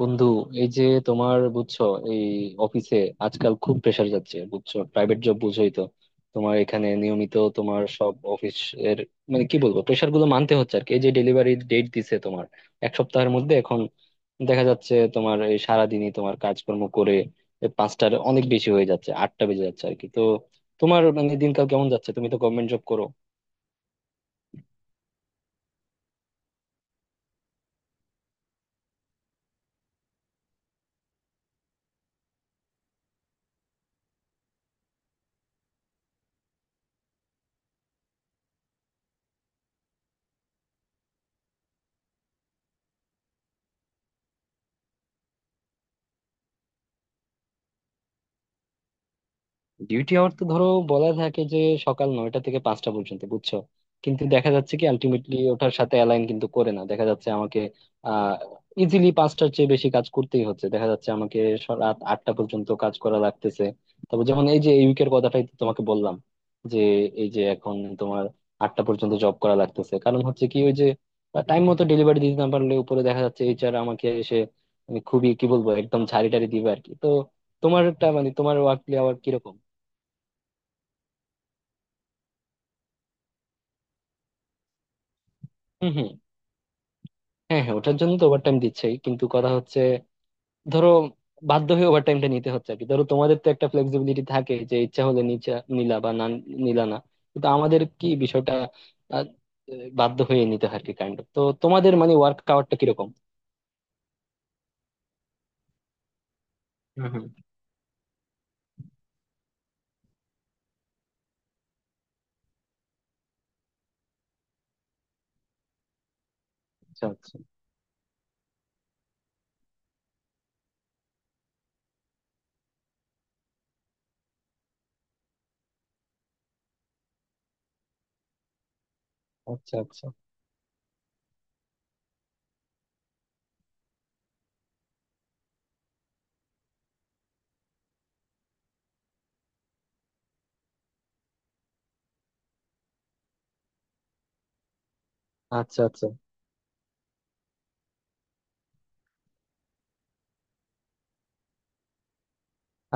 বন্ধু, এই যে তোমার, বুঝছো, এই অফিসে আজকাল খুব প্রেসার যাচ্ছে, বুঝছো, প্রাইভেট জব বুঝোই তো। তোমার এখানে নিয়মিত তোমার সব অফিস এর মানে কি বলবো, প্রেসার গুলো মানতে হচ্ছে আর কি। এই যে ডেলিভারি ডেট দিছে তোমার এক সপ্তাহের মধ্যে, এখন দেখা যাচ্ছে তোমার এই সারাদিনই তোমার কাজকর্ম করে এই পাঁচটার অনেক বেশি হয়ে যাচ্ছে, 8টা বেজে যাচ্ছে আর কি। তো তোমার মানে দিনকাল কেমন যাচ্ছে, তুমি তো গভর্নমেন্ট জব করো? ডিউটি আওয়ার তো ধরো বলা থাকে যে সকাল 9টা থেকে 5টা পর্যন্ত, বুঝছো। কিন্তু দেখা যাচ্ছে কি আলটিমেটলি ওটার সাথে অ্যালাইন কিন্তু করে না দেখা যাচ্ছে আমাকে। আহ ইজিলি 5টার চেয়ে বেশি কাজ করতেই হচ্ছে দেখা যাচ্ছে আমাকে। রাত 8টা পর্যন্ত কাজ করা লাগতেছে। তারপর যেমন এই যে এই উইকের কথাটাই তো তোমাকে বললাম যে এই যে এখন তোমার 8টা পর্যন্ত জব করা লাগতেছে, কারণ হচ্ছে কি ওই যে টাইম মতো ডেলিভারি দিতে না পারলে উপরে দেখা যাচ্ছে এইচআর আমাকে এসে, আমি খুবই কি বলবো একদম ঝাড়ি টাড়ি দিবে আর কি। তো তোমারটা মানে তোমার ওয়ার্ক আওয়ার কিরকম? হম হম। হ্যাঁ হ্যাঁ, ওটার জন্য তো ওভারটাইম দিচ্ছেই, কিন্তু কথা হচ্ছে ধরো বাধ্য হয়ে ওভারটাইমটা নিতে হচ্ছে আর কি। ধরো তোমাদের তো একটা ফ্লেক্সিবিলিটি থাকে যে ইচ্ছা হলে নিচা নিলা বা না নিলা না, কিন্তু আমাদের কি বিষয়টা আহ, বাধ্য হয়ে নিতে হয় আর কি কাইন্ড অফ। তো তোমাদের মানে ওয়ার্ক আওয়ারটা কিরকম? হম হম। আচ্ছা আচ্ছা। আচ্ছা আচ্ছা। আচ্ছা আচ্ছা।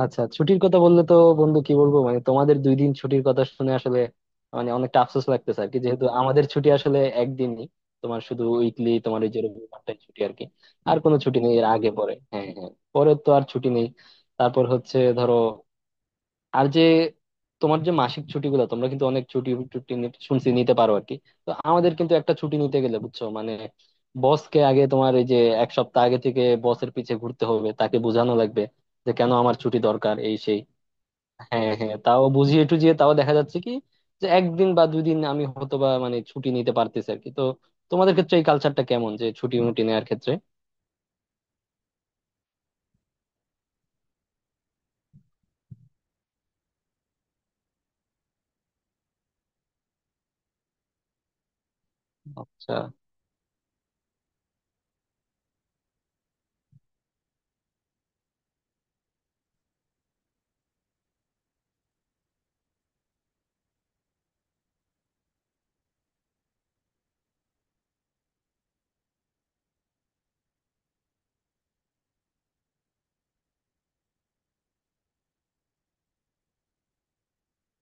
আচ্ছা, ছুটির কথা বললে তো বন্ধু কি বলবো, মানে তোমাদের 2 দিন ছুটির কথা শুনে আসলে মানে অনেকটা আফসোস লাগতেছে আর কি, যেহেতু আমাদের ছুটি আসলে একদিনই। তোমার শুধু উইকলি তোমার ওই যে রবিবারটাই ছুটি আর কি। আর কোনো ছুটি নেই এর আগে পরে, হ্যাঁ হ্যাঁ, পরে তো আর ছুটি নেই। তারপর হচ্ছে ধরো আর যে তোমার যে মাসিক ছুটিগুলো তোমরা কিন্তু অনেক ছুটি টুটি শুনছি নিতে পারো আর কি। তো আমাদের কিন্তু একটা ছুটি নিতে গেলে বুঝছো মানে বসকে আগে তোমার এই যে এক সপ্তাহ আগে থেকে বসের পিছে ঘুরতে হবে, তাকে বোঝানো লাগবে যে কেন আমার ছুটি দরকার এই সেই। হ্যাঁ হ্যাঁ, তাও বুঝিয়ে টুঝিয়ে তাও দেখা যাচ্ছে কি যে একদিন বা 2 দিন আমি হয়তো বা মানে ছুটি নিতে পারতেছি আর কি। তো তোমাদের ক্ষেত্রে এই কালচারটা কেমন যে ছুটি মুটি নেওয়ার ক্ষেত্রে? আচ্ছা।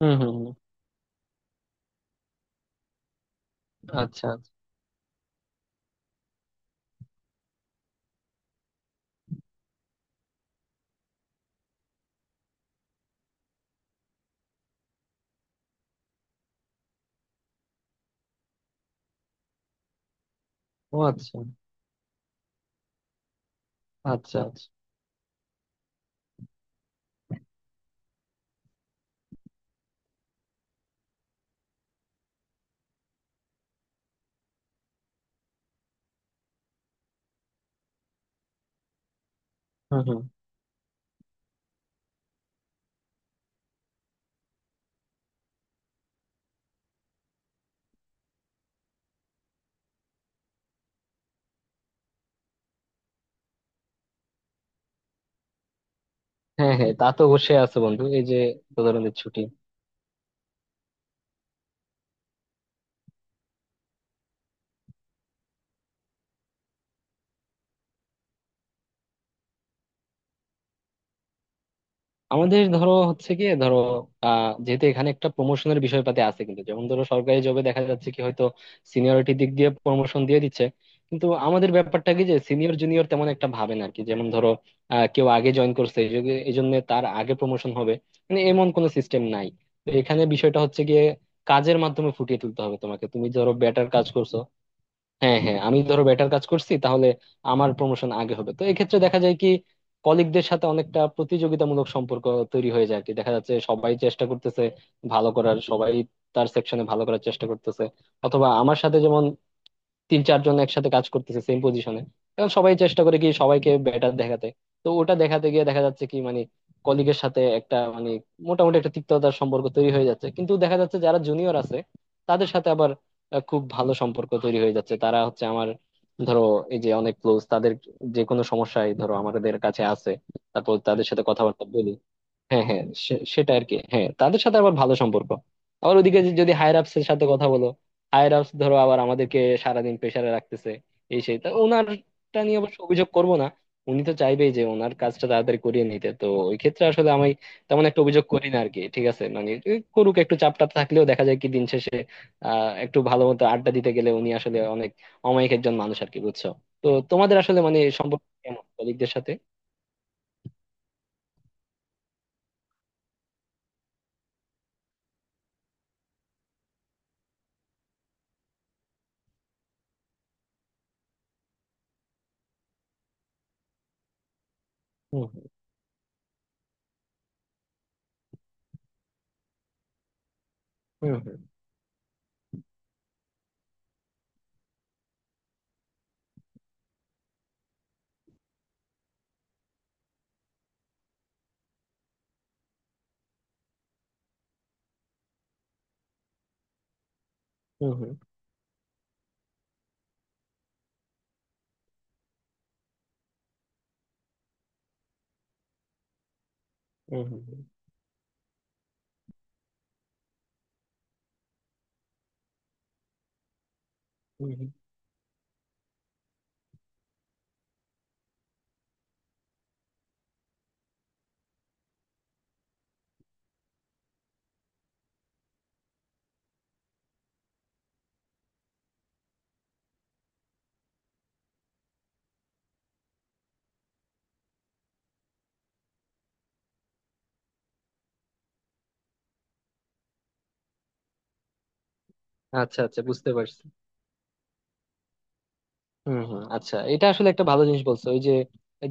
হম হম। আচ্ছা আচ্ছা। ও আচ্ছা। আচ্ছা আচ্ছা। হম হম। হ্যাঁ হ্যাঁ, তা তো অবশ্যই আছে বন্ধু, এই যে প্রধানমন্ত্রীর ছুটি। আমাদের ধরো হচ্ছে কি, ধরো যেহেতু এখানে একটা প্রমোশনের বিষয়পাতি আছে, কিন্তু যেমন ধরো সরকারি জবে দেখা যাচ্ছে কি হয়তো সিনিয়রিটি দিক দিয়ে প্রমোশন দিয়ে দিচ্ছে, কিন্তু আমাদের ব্যাপারটা কি যে সিনিয়র জুনিয়র তেমন একটা ভাবে না আর কি। যেমন ধরো কেউ আগে জয়েন করছে এই জন্য তার আগে প্রমোশন হবে, মানে এমন কোনো সিস্টেম নাই। তো এখানে বিষয়টা হচ্ছে গিয়ে কাজের মাধ্যমে ফুটিয়ে তুলতে হবে, তোমাকে তুমি ধরো বেটার কাজ করছো। হ্যাঁ হ্যাঁ, আমি ধরো বেটার কাজ করছি তাহলে আমার প্রমোশন আগে হবে। তো এক্ষেত্রে দেখা যায় কি কলিগদের সাথে অনেকটা প্রতিযোগিতামূলক সম্পর্ক তৈরি হয়ে যায় আর কি। দেখা যাচ্ছে সবাই চেষ্টা করতেছে ভালো করার, সবাই তার সেকশনে ভালো করার চেষ্টা করতেছে। অথবা আমার সাথে যেমন তিন চারজন একসাথে কাজ করতেছে সেম পজিশনে, এখন সবাই চেষ্টা করে কি সবাইকে বেটার দেখাতে। তো ওটা দেখাতে গিয়ে দেখা যাচ্ছে কি মানে কলিগের সাথে একটা মানে মোটামুটি একটা তিক্ততার সম্পর্ক তৈরি হয়ে যাচ্ছে। কিন্তু দেখা যাচ্ছে যারা জুনিয়র আছে তাদের সাথে আবার খুব ভালো সম্পর্ক তৈরি হয়ে যাচ্ছে। তারা হচ্ছে আমার ধরো এই যে অনেক ক্লোজ, তাদের যে কোনো সমস্যায় ধরো আমাদের কাছে আসে, তারপর তাদের সাথে কথাবার্তা বলি। হ্যাঁ হ্যাঁ, সেটা আর কি, হ্যাঁ তাদের সাথে আবার ভালো সম্পর্ক। আবার ওদিকে যদি হায়ার আপস এর সাথে কথা বলো, হায়ার আপস ধরো আবার আমাদেরকে সারাদিন প্রেসারে রাখতেছে এই সেই। তা ওনারটা নিয়ে অবশ্য অভিযোগ করব না, উনি তো চাইবেই যে ওনার কাজটা তাড়াতাড়ি করিয়ে নিতে। তো ওই ক্ষেত্রে আসলে আমি তেমন একটা অভিযোগ করি না আর কি। ঠিক আছে মানে করুক, একটু চাপটা থাকলেও দেখা যায় কি দিন শেষে একটু ভালো মতো আড্ডা দিতে গেলে উনি আসলে অনেক অমায়িক একজন মানুষ আর কি, বুঝছো? তো তোমাদের আসলে মানে সম্পর্ক কেমন কলিগদের সাথে? হুম হুম হুম হুম হুম হুম হুম হুম। হুম হুম। আচ্ছা আচ্ছা, বুঝতে পারছি। হুম হুম। আচ্ছা, এটা আসলে একটা ভালো জিনিস বলছো, ওই যে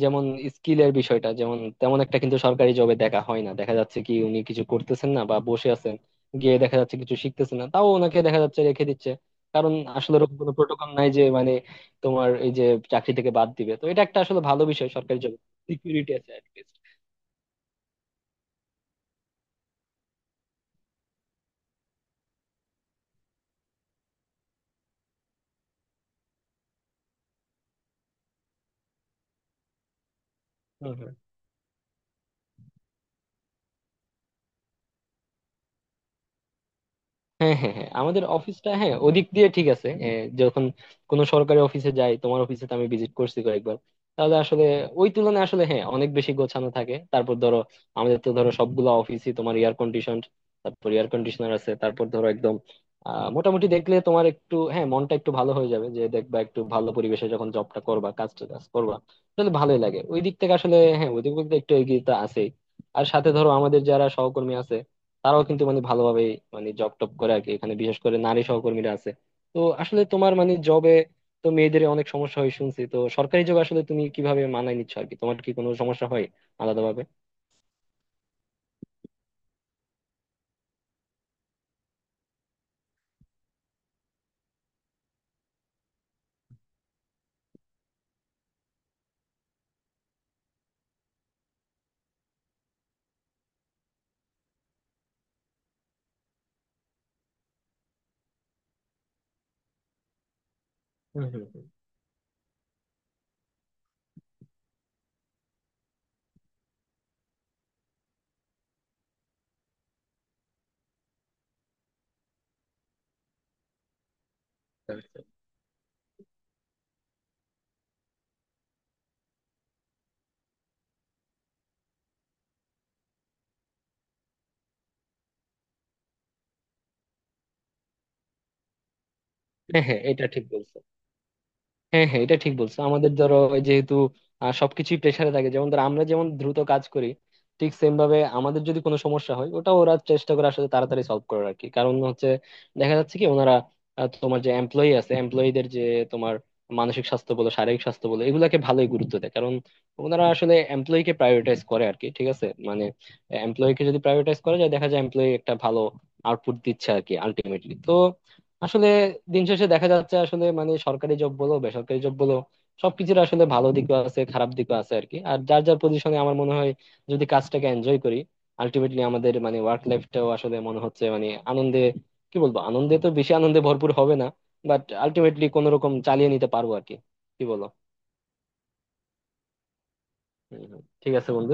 যেমন স্কিলের বিষয়টা যেমন তেমন একটা কিন্তু সরকারি জবে দেখা হয় না। দেখা যাচ্ছে কি উনি কিছু করতেছেন না বা বসে আছেন গিয়ে, দেখা যাচ্ছে কিছু শিখতেছেন না তাও ওনাকে দেখা যাচ্ছে রেখে দিচ্ছে, কারণ আসলে ওরকম কোনো প্রোটোকল নাই যে মানে তোমার এই যে চাকরি থেকে বাদ দিবে। তো এটা একটা আসলে ভালো বিষয় সরকারি জব, সিকিউরিটি আছে অ্যাটলিস্ট। হ্যাঁ হ্যাঁ হ্যাঁ, আমাদের অফিসটা হ্যাঁ ওদিক দিয়ে ঠিক আছে। যখন কোনো সরকারি অফিসে যাই, তোমার অফিসে তো আমি ভিজিট করছি কয়েকবার, তাহলে আসলে ওই তুলনায় আসলে হ্যাঁ অনেক বেশি গোছানো থাকে। তারপর ধরো আমাদের তো ধরো সবগুলো অফিসই তোমার এয়ার কন্ডিশন, তারপর এয়ার কন্ডিশনার আছে। তারপর ধরো একদম মোটামুটি দেখলে তোমার একটু হ্যাঁ মনটা একটু ভালো হয়ে যাবে, যে দেখবা একটু ভালো পরিবেশে যখন জবটা করবা কাজটা কাজ করবা তাহলে ভালোই লাগে। ওই দিক থেকে আসলে হ্যাঁ, ওই দিক থেকে একটু এগিয়ে তো আছেই। আর সাথে ধরো আমাদের যারা সহকর্মী আছে তারাও কিন্তু মানে ভালোভাবে মানে জব টপ করে আর কি। এখানে বিশেষ করে নারী সহকর্মীরা আছে, তো আসলে তোমার মানে জবে তো মেয়েদের অনেক সমস্যা হয় শুনছি। তো সরকারি জবে আসলে তুমি কিভাবে মানায় নিচ্ছ আর কি, তোমার কি কোনো সমস্যা হয় আলাদাভাবে? হম হম হম। হ্যাঁ হ্যাঁ, এটা ঠিক বলছো। হ্যাঁ হ্যাঁ এটা ঠিক বলছো, আমাদের ধরো ওই যেহেতু সবকিছুই প্রেসারে থাকে যেমন ধরো আমরা যেমন দ্রুত কাজ করি ঠিক সেম ভাবে, আমাদের যদি কোনো সমস্যা হয় ওটা ওরা চেষ্টা করে আসলে তাড়াতাড়ি সলভ করার আর কি। কারণ হচ্ছে দেখা যাচ্ছে কি ওনারা তোমার যে এমপ্লয়ি আছে এমপ্লয়ীদের যে তোমার মানসিক স্বাস্থ্য বলো শারীরিক স্বাস্থ্য বলো এগুলাকে ভালোই গুরুত্ব দেয়, কারণ ওনারা আসলে এমপ্লয়ীকে প্রায়োরিটাইজ করে আর কি। ঠিক আছে মানে এমপ্লয়ীকে যদি প্রায়োরিটাইজ করা যায় দেখা যায় এমপ্লয়ি একটা ভালো আউটপুট দিচ্ছে আর কি আলটিমেটলি তো। আসলে দিন শেষে দেখা যাচ্ছে আসলে মানে সরকারি জব বলো বেসরকারি জব বলো সবকিছুর আসলে ভালো দিকও আছে খারাপ দিকও আছে আর কি। আর যার যার পজিশনে আমার মনে হয় যদি কাজটাকে এনজয় করি আলটিমেটলি আমাদের মানে ওয়ার্ক লাইফটাও আসলে মনে হচ্ছে মানে আনন্দে কি বলবো আনন্দে তো বেশি আনন্দে ভরপুর হবে না, বাট আলটিমেটলি কোনো রকম চালিয়ে নিতে পারবো আর কি। কি বলো? হম, হম। ঠিক আছে বন্ধু।